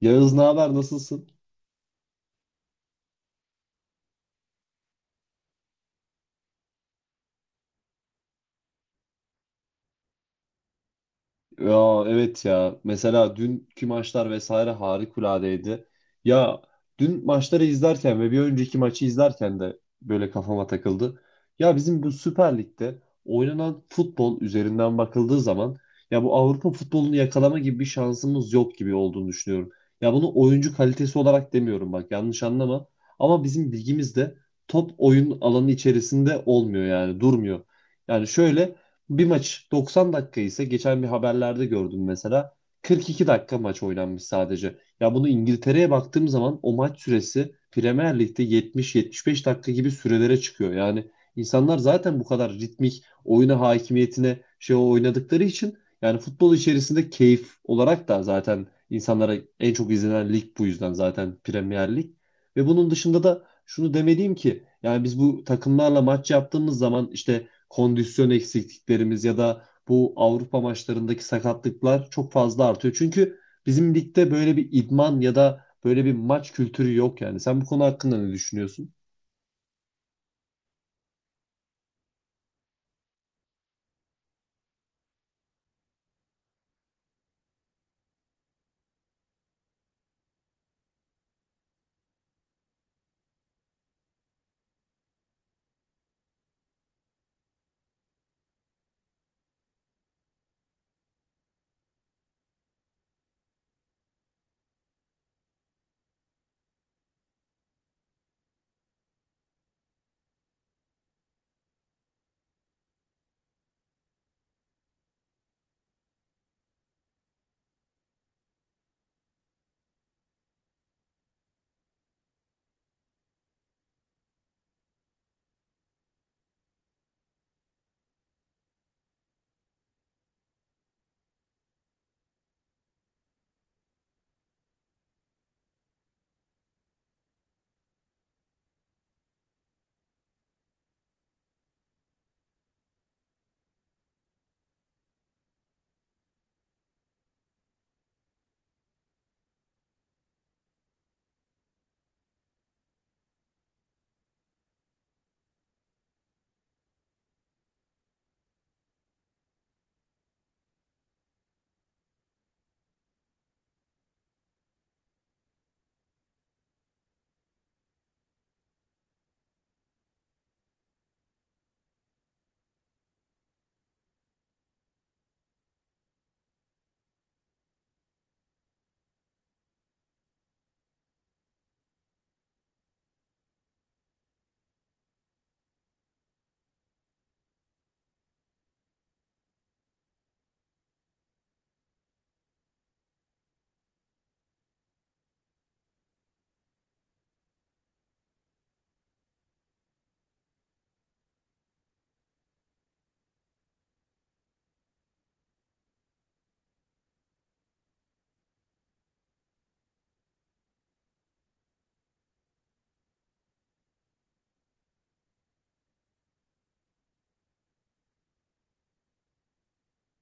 Yağız, ne haber, nasılsın? Ya evet, ya mesela dünkü maçlar vesaire harikuladeydi. Ya dün maçları izlerken ve bir önceki maçı izlerken de böyle kafama takıldı. Ya bizim bu Süper Lig'de oynanan futbol üzerinden bakıldığı zaman ya bu Avrupa futbolunu yakalama gibi bir şansımız yok gibi olduğunu düşünüyorum. Ya bunu oyuncu kalitesi olarak demiyorum, bak yanlış anlama. Ama bizim ligimizde top oyun alanı içerisinde olmuyor, yani durmuyor. Yani şöyle, bir maç 90 dakika ise geçen bir haberlerde gördüm mesela 42 dakika maç oynanmış sadece. Ya bunu İngiltere'ye baktığım zaman o maç süresi Premier Lig'de 70-75 dakika gibi sürelere çıkıyor. Yani insanlar zaten bu kadar ritmik oyuna hakimiyetine oynadıkları için yani futbol içerisinde keyif olarak da zaten insanlara en çok izlenen lig bu yüzden zaten Premier Lig. Ve bunun dışında da şunu demeliyim ki yani biz bu takımlarla maç yaptığımız zaman işte kondisyon eksikliklerimiz ya da bu Avrupa maçlarındaki sakatlıklar çok fazla artıyor. Çünkü bizim ligde böyle bir idman ya da böyle bir maç kültürü yok yani. Sen bu konu hakkında ne düşünüyorsun?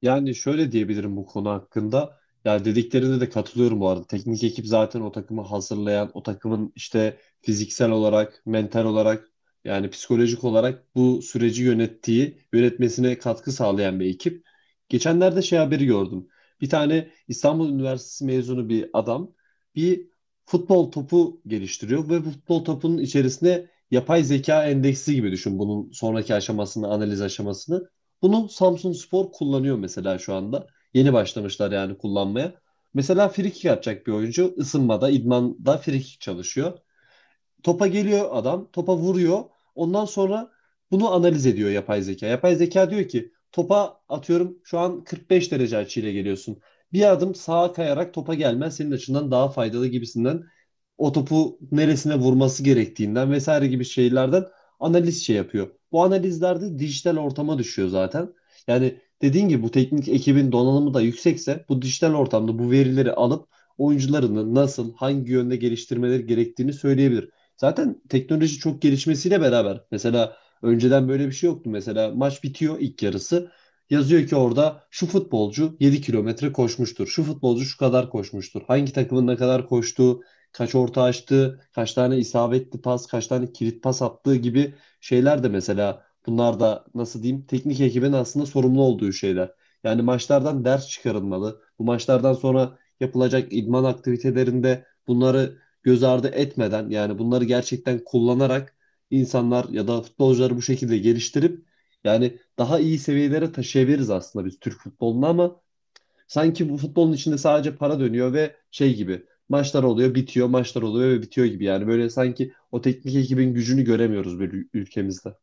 Yani şöyle diyebilirim bu konu hakkında. Ya dediklerine de katılıyorum bu arada. Teknik ekip zaten o takımı hazırlayan, o takımın işte fiziksel olarak, mental olarak, yani psikolojik olarak bu süreci yönettiği, yönetmesine katkı sağlayan bir ekip. Geçenlerde haberi gördüm. Bir tane İstanbul Üniversitesi mezunu bir adam bir futbol topu geliştiriyor ve bu futbol topunun içerisine yapay zeka endeksi gibi düşün bunun sonraki aşamasını, analiz aşamasını. Bunu Samsunspor kullanıyor mesela şu anda. Yeni başlamışlar yani kullanmaya. Mesela frikik atacak bir oyuncu ısınmada, idmanda frikik çalışıyor. Topa geliyor adam, topa vuruyor. Ondan sonra bunu analiz ediyor yapay zeka. Yapay zeka diyor ki topa atıyorum şu an 45 derece açıyla geliyorsun. Bir adım sağa kayarak topa gelmen senin açından daha faydalı gibisinden o topu neresine vurması gerektiğinden vesaire gibi şeylerden analiz yapıyor. Bu analizlerde dijital ortama düşüyor zaten. Yani dediğin gibi bu teknik ekibin donanımı da yüksekse bu dijital ortamda bu verileri alıp oyuncularını nasıl, hangi yönde geliştirmeleri gerektiğini söyleyebilir. Zaten teknoloji çok gelişmesiyle beraber mesela önceden böyle bir şey yoktu. Mesela maç bitiyor ilk yarısı. Yazıyor ki orada şu futbolcu 7 kilometre koşmuştur. Şu futbolcu şu kadar koşmuştur. Hangi takımın ne kadar koştuğu, kaç orta açtığı, kaç tane isabetli pas, kaç tane kilit pas attığı gibi şeyler de mesela bunlar da nasıl diyeyim teknik ekibin aslında sorumlu olduğu şeyler. Yani maçlardan ders çıkarılmalı. Bu maçlardan sonra yapılacak idman aktivitelerinde bunları göz ardı etmeden, yani bunları gerçekten kullanarak insanlar ya da futbolcuları bu şekilde geliştirip yani daha iyi seviyelere taşıyabiliriz aslında biz Türk futbolunu. Ama sanki bu futbolun içinde sadece para dönüyor ve şey gibi maçlar oluyor bitiyor, maçlar oluyor ve bitiyor gibi, yani böyle sanki o teknik ekibin gücünü göremiyoruz bir ülkemizde.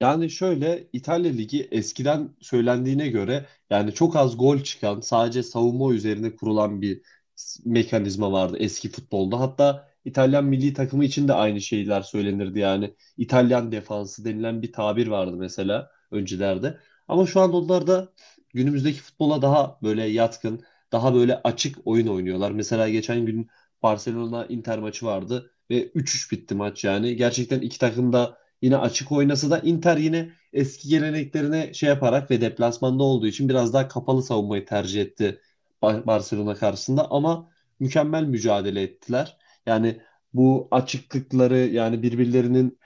Yani şöyle, İtalya Ligi eskiden söylendiğine göre yani çok az gol çıkan, sadece savunma üzerine kurulan bir mekanizma vardı eski futbolda. Hatta İtalyan milli takımı için de aynı şeyler söylenirdi yani. İtalyan defansı denilen bir tabir vardı mesela öncelerde. Ama şu an onlar da günümüzdeki futbola daha böyle yatkın, daha böyle açık oyun oynuyorlar. Mesela geçen gün Barcelona Inter maçı vardı ve 3-3 bitti maç yani. Gerçekten iki takım da yine açık oynasa da Inter yine eski geleneklerine şey yaparak ve deplasmanda olduğu için biraz daha kapalı savunmayı tercih etti Barcelona karşısında. Ama mükemmel mücadele ettiler. Yani bu açıklıkları, yani birbirlerinin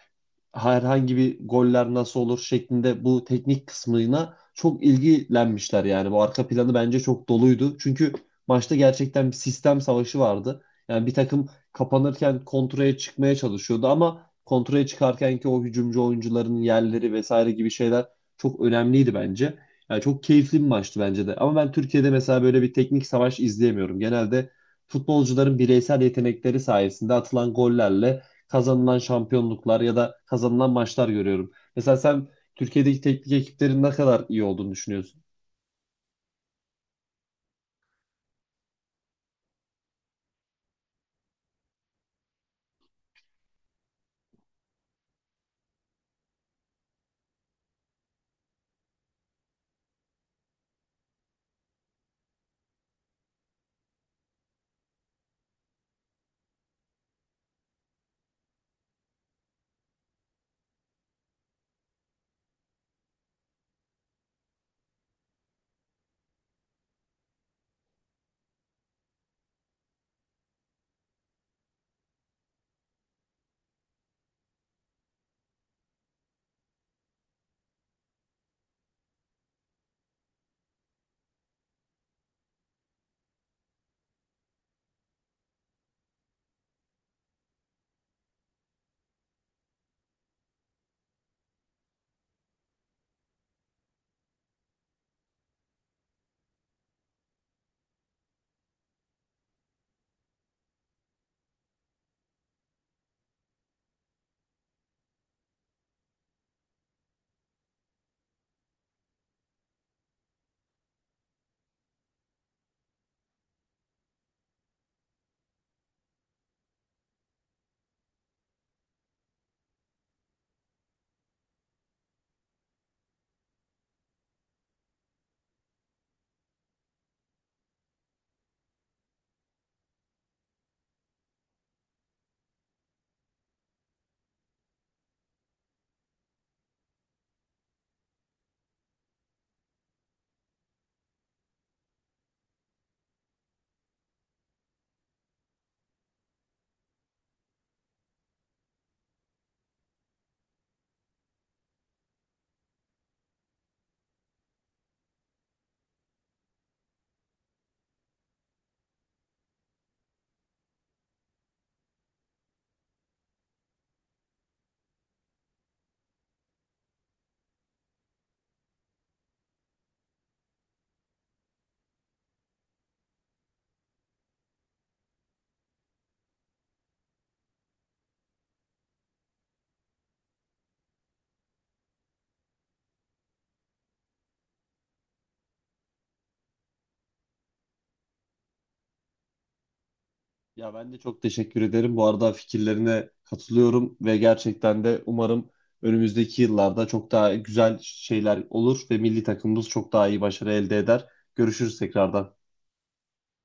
herhangi bir goller nasıl olur şeklinde bu teknik kısmına çok ilgilenmişler yani. Bu arka planı bence çok doluydu. Çünkü maçta gerçekten bir sistem savaşı vardı. Yani bir takım kapanırken kontraya çıkmaya çalışıyordu, ama kontraya çıkarken ki o hücumcu oyuncuların yerleri vesaire gibi şeyler çok önemliydi bence. Yani çok keyifli bir maçtı bence de. Ama ben Türkiye'de mesela böyle bir teknik savaş izleyemiyorum. Genelde futbolcuların bireysel yetenekleri sayesinde atılan gollerle kazanılan şampiyonluklar ya da kazanılan maçlar görüyorum. Mesela sen Türkiye'deki teknik ekiplerin ne kadar iyi olduğunu düşünüyorsun? Ya ben de çok teşekkür ederim. Bu arada fikirlerine katılıyorum ve gerçekten de umarım önümüzdeki yıllarda çok daha güzel şeyler olur ve milli takımımız çok daha iyi başarı elde eder. Görüşürüz tekrardan.